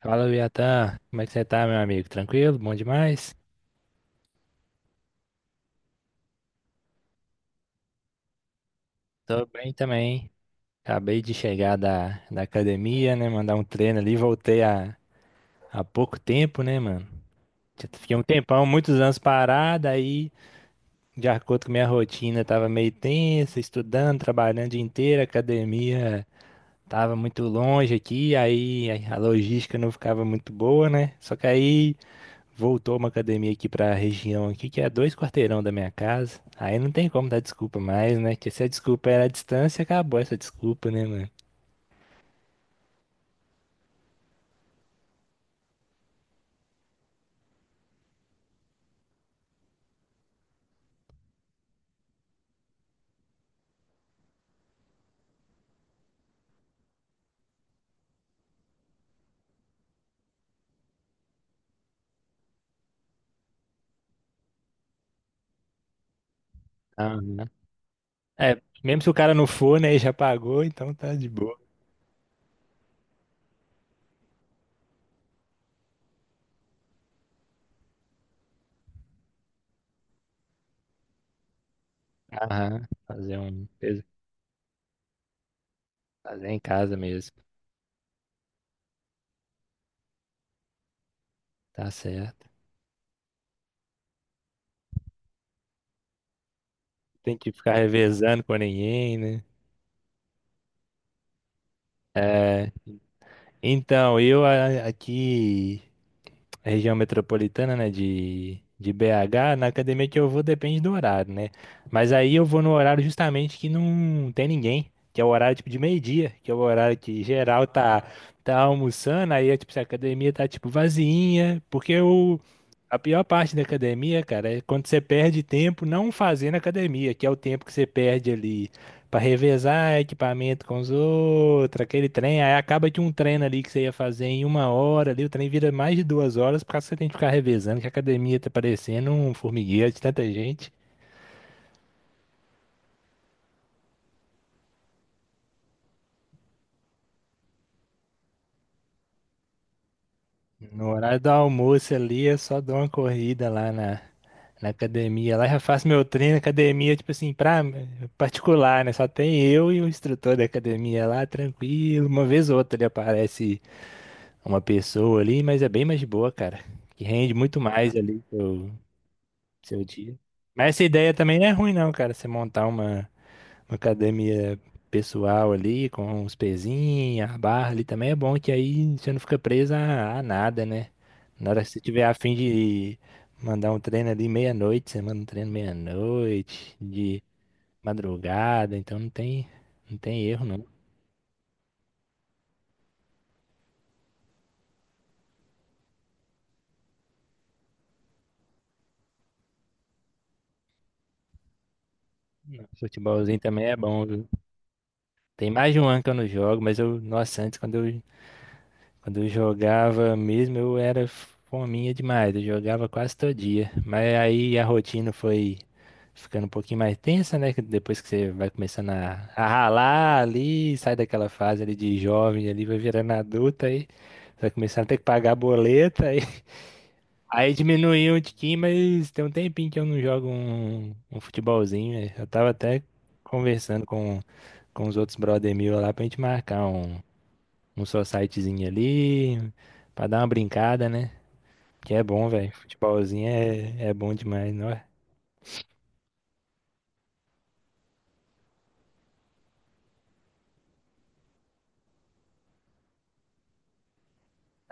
Fala, Viatan. Como é que você tá, meu amigo? Tranquilo? Bom demais? Tô bem também. Acabei de chegar da academia, né? Mandar um treino ali. Voltei há pouco tempo, né, mano? Já fiquei um tempão, muitos anos parado, aí, de acordo com minha rotina, tava meio tensa, estudando, trabalhando o dia inteiro, a academia tava muito longe aqui, aí a logística não ficava muito boa, né? Só que aí, voltou uma academia aqui pra região aqui, que é dois quarteirão da minha casa. Aí não tem como dar desculpa mais, né? Que se a desculpa era a distância, acabou essa desculpa, né, mano? Aham. É, mesmo se o cara não for, né, e já pagou, então tá de boa. Aham. Fazer um, fazer em casa mesmo. Tá certo. Tem que ficar revezando com ninguém, né? É, então, aqui, região metropolitana, né, de BH, na academia que eu vou depende do horário, né? Mas aí eu vou no horário justamente que não tem ninguém, que é o horário tipo de meio-dia, que é o horário que geral tá almoçando, aí é tipo, se a academia tá tipo vazinha, porque o a pior parte da academia, cara, é quando você perde tempo não fazendo academia, que é o tempo que você perde ali pra revezar equipamento com os outros, aquele trem. Aí acaba de um treino ali que você ia fazer em uma hora ali, o trem vira mais de duas horas, porque você tem que ficar revezando, que a academia tá parecendo um formigueiro de tanta gente. No horário do almoço ali, eu só dou uma corrida lá na academia. Lá já faço meu treino, academia, tipo assim, pra particular, né? Só tem eu e o instrutor da academia lá, tranquilo. Uma vez ou outra ali aparece uma pessoa ali, mas é bem mais de boa, cara. Que rende muito mais ali seu dia. Mas essa ideia também não é ruim, não, cara. Você montar uma academia pessoal ali, com os pezinhos, a barra ali também é bom, que aí você não fica preso a nada, né? Na hora que você tiver a fim de mandar um treino ali meia-noite, você manda um treino meia-noite, de madrugada, então não tem erro, não. Futebolzinho também é bom, viu? Tem mais de um ano que eu não jogo, mas eu, nossa, antes quando eu jogava mesmo, eu era fominha demais, eu jogava quase todo dia. Mas aí a rotina foi ficando um pouquinho mais tensa, né? que Depois que você vai começando a ralar ali, sai daquela fase ali de jovem ali, vai virando adulta aí. Você Vai começando a ter que pagar a boleta aí. Aí diminuiu um tiquinho, mas tem um tempinho que eu não jogo um futebolzinho, né? Eu tava até conversando com os outros brother meu lá pra gente marcar um societyzinho ali, pra dar uma brincada, né? Que é bom, velho. Futebolzinho é, é bom demais, não é?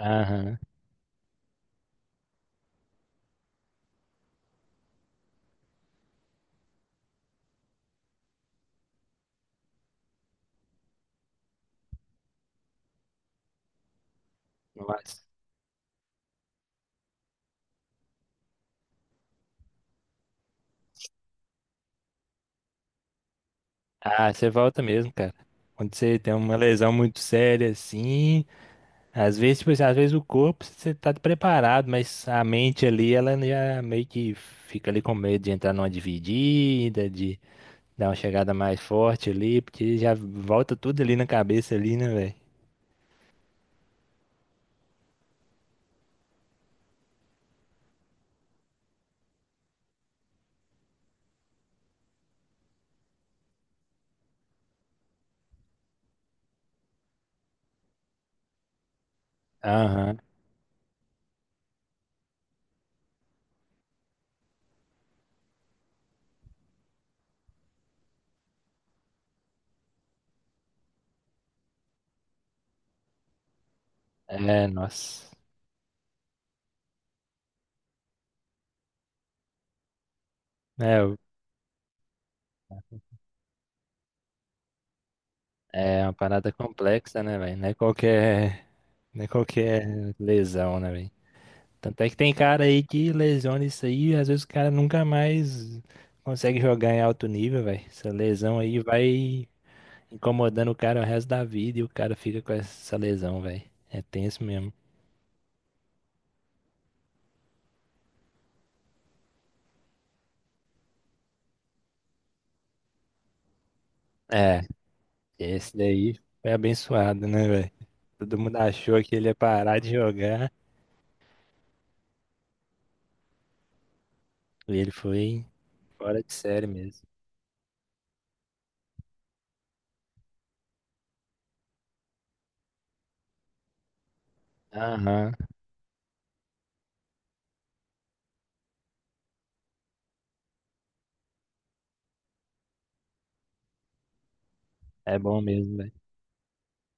Aham. Nossa. Ah, você volta mesmo, cara. Quando você tem uma lesão muito séria, assim, às vezes, tipo assim, às vezes o corpo você tá preparado, mas a mente ali, ela já meio que fica ali com medo de entrar numa dividida, de dar uma chegada mais forte ali, porque já volta tudo ali na cabeça ali, né, velho? Aham. É, nossa. É, É uma parada complexa, né, velho? Não é não é qualquer lesão, né, velho? Tanto é que tem cara aí que lesiona isso aí, às vezes o cara nunca mais consegue jogar em alto nível, velho. Essa lesão aí vai incomodando o cara o resto da vida e o cara fica com essa lesão, velho. É tenso mesmo. É, esse daí foi abençoado, né, velho? Todo mundo achou que ele ia parar de jogar e ele foi fora de série mesmo. Aham, é bom mesmo, velho.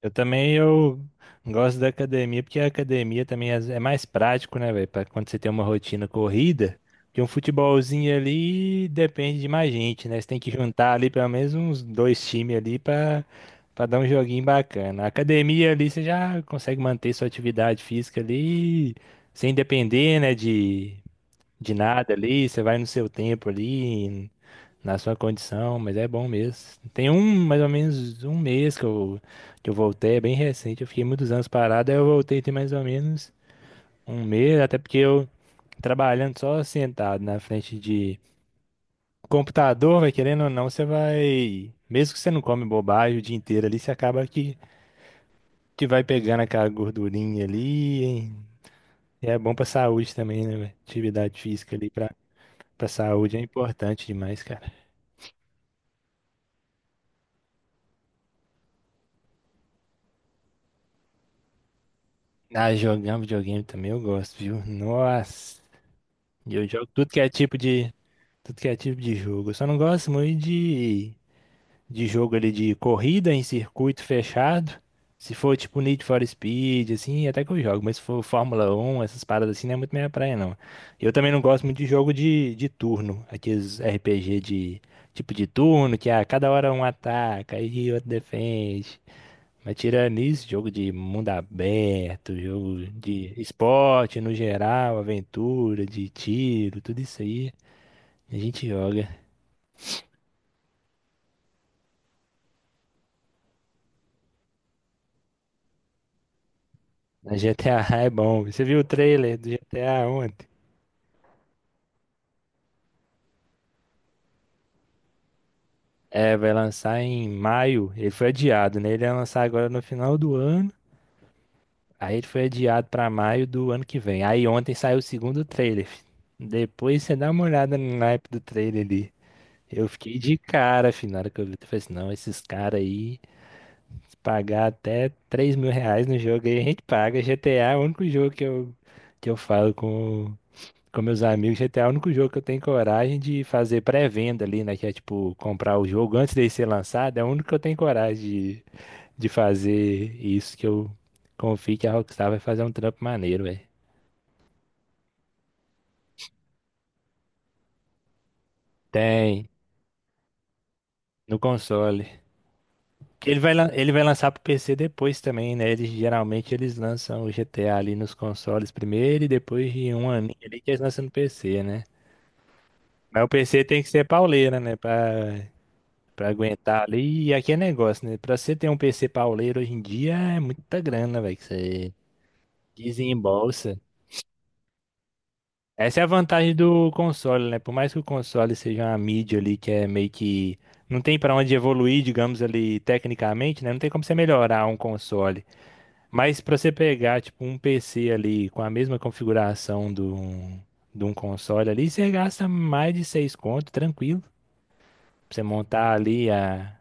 Eu também eu gosto da academia, porque a academia também é mais prático, né, velho? Para quando você tem uma rotina corrida, que um futebolzinho ali depende de mais gente, né? Você tem que juntar ali pelo menos uns dois times ali para dar um joguinho bacana. A academia ali você já consegue manter sua atividade física ali sem depender, né, de nada ali, você vai no seu tempo ali, na sua condição, mas é bom mesmo. Tem um, mais ou menos um mês que eu voltei, é bem recente, eu fiquei muitos anos parado, aí eu voltei tem mais ou menos um mês, até porque eu trabalhando só sentado na frente de computador, vai querendo ou não, você vai, mesmo que você não come bobagem o dia inteiro ali, você acaba que vai pegando aquela gordurinha ali, hein? E é bom pra saúde também, né, velho? Atividade física ali pra saúde é importante demais, cara. Ah, jogar videogame também eu gosto, viu? Nossa. E eu jogo tudo que é tipo de jogo. Eu só não gosto muito de jogo ali de corrida em circuito fechado. Se for tipo Need for Speed, assim, até que eu jogo. Mas se for Fórmula 1, essas paradas assim, não é muito minha praia, não. Eu também não gosto muito de jogo de turno. Aqueles RPG de tipo de turno, que a cada hora um ataca e outro defende. Mas tirando isso, jogo de mundo aberto, jogo de esporte no geral, aventura, de tiro, tudo isso aí, a gente joga. A GTA é bom. Você viu o trailer do GTA ontem? É, vai lançar em maio. Ele foi adiado, né? Ele ia lançar agora no final do ano. Aí ele foi adiado pra maio do ano que vem. Aí ontem saiu o segundo trailer, fi. Depois você dá uma olhada no naipe do trailer ali. Eu fiquei de cara, fi, na hora que eu vi. Eu falei assim, não, esses caras aí, se pagar até 3 mil reais no jogo aí, a gente paga. GTA é o único jogo que eu falo com meus amigos. GTA é o único jogo que eu tenho coragem de fazer pré-venda ali, né? Que é tipo comprar o jogo antes dele ser lançado. É o único que eu tenho coragem de fazer isso. Que eu confio que a Rockstar vai fazer um trampo maneiro, velho. Tem, no console. Que Ele vai, lan- Ele vai lançar pro PC depois também, né? Eles, geralmente eles lançam o GTA ali nos consoles primeiro e depois de um aninho ali que eles lançam no PC, né? Mas o PC tem que ser pauleira, né? Pra aguentar ali. E aqui é negócio, né? Pra você ter um PC pauleiro hoje em dia é muita grana, velho, que você desembolsa. Essa é a vantagem do console, né? Por mais que o console seja uma mídia ali que é meio que, não tem pra onde evoluir, digamos ali, tecnicamente, né? Não tem como você melhorar um console. Mas pra você pegar, tipo, um PC ali com a mesma configuração do, de um console ali, você gasta mais de seis conto, tranquilo. Pra você montar ali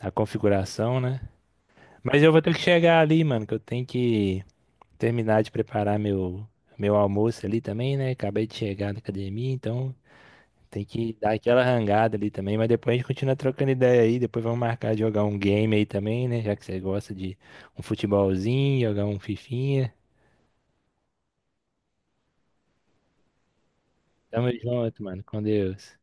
a configuração, né? Mas eu vou ter que chegar ali, mano, que eu tenho que terminar de preparar meu almoço ali também, né? Acabei de chegar na academia, então tem que dar aquela rangada ali também. Mas depois a gente continua trocando ideia aí. Depois vamos marcar de jogar um game aí também, né? Já que você gosta de um futebolzinho, jogar um fifinha. Tamo junto, mano. Com Deus.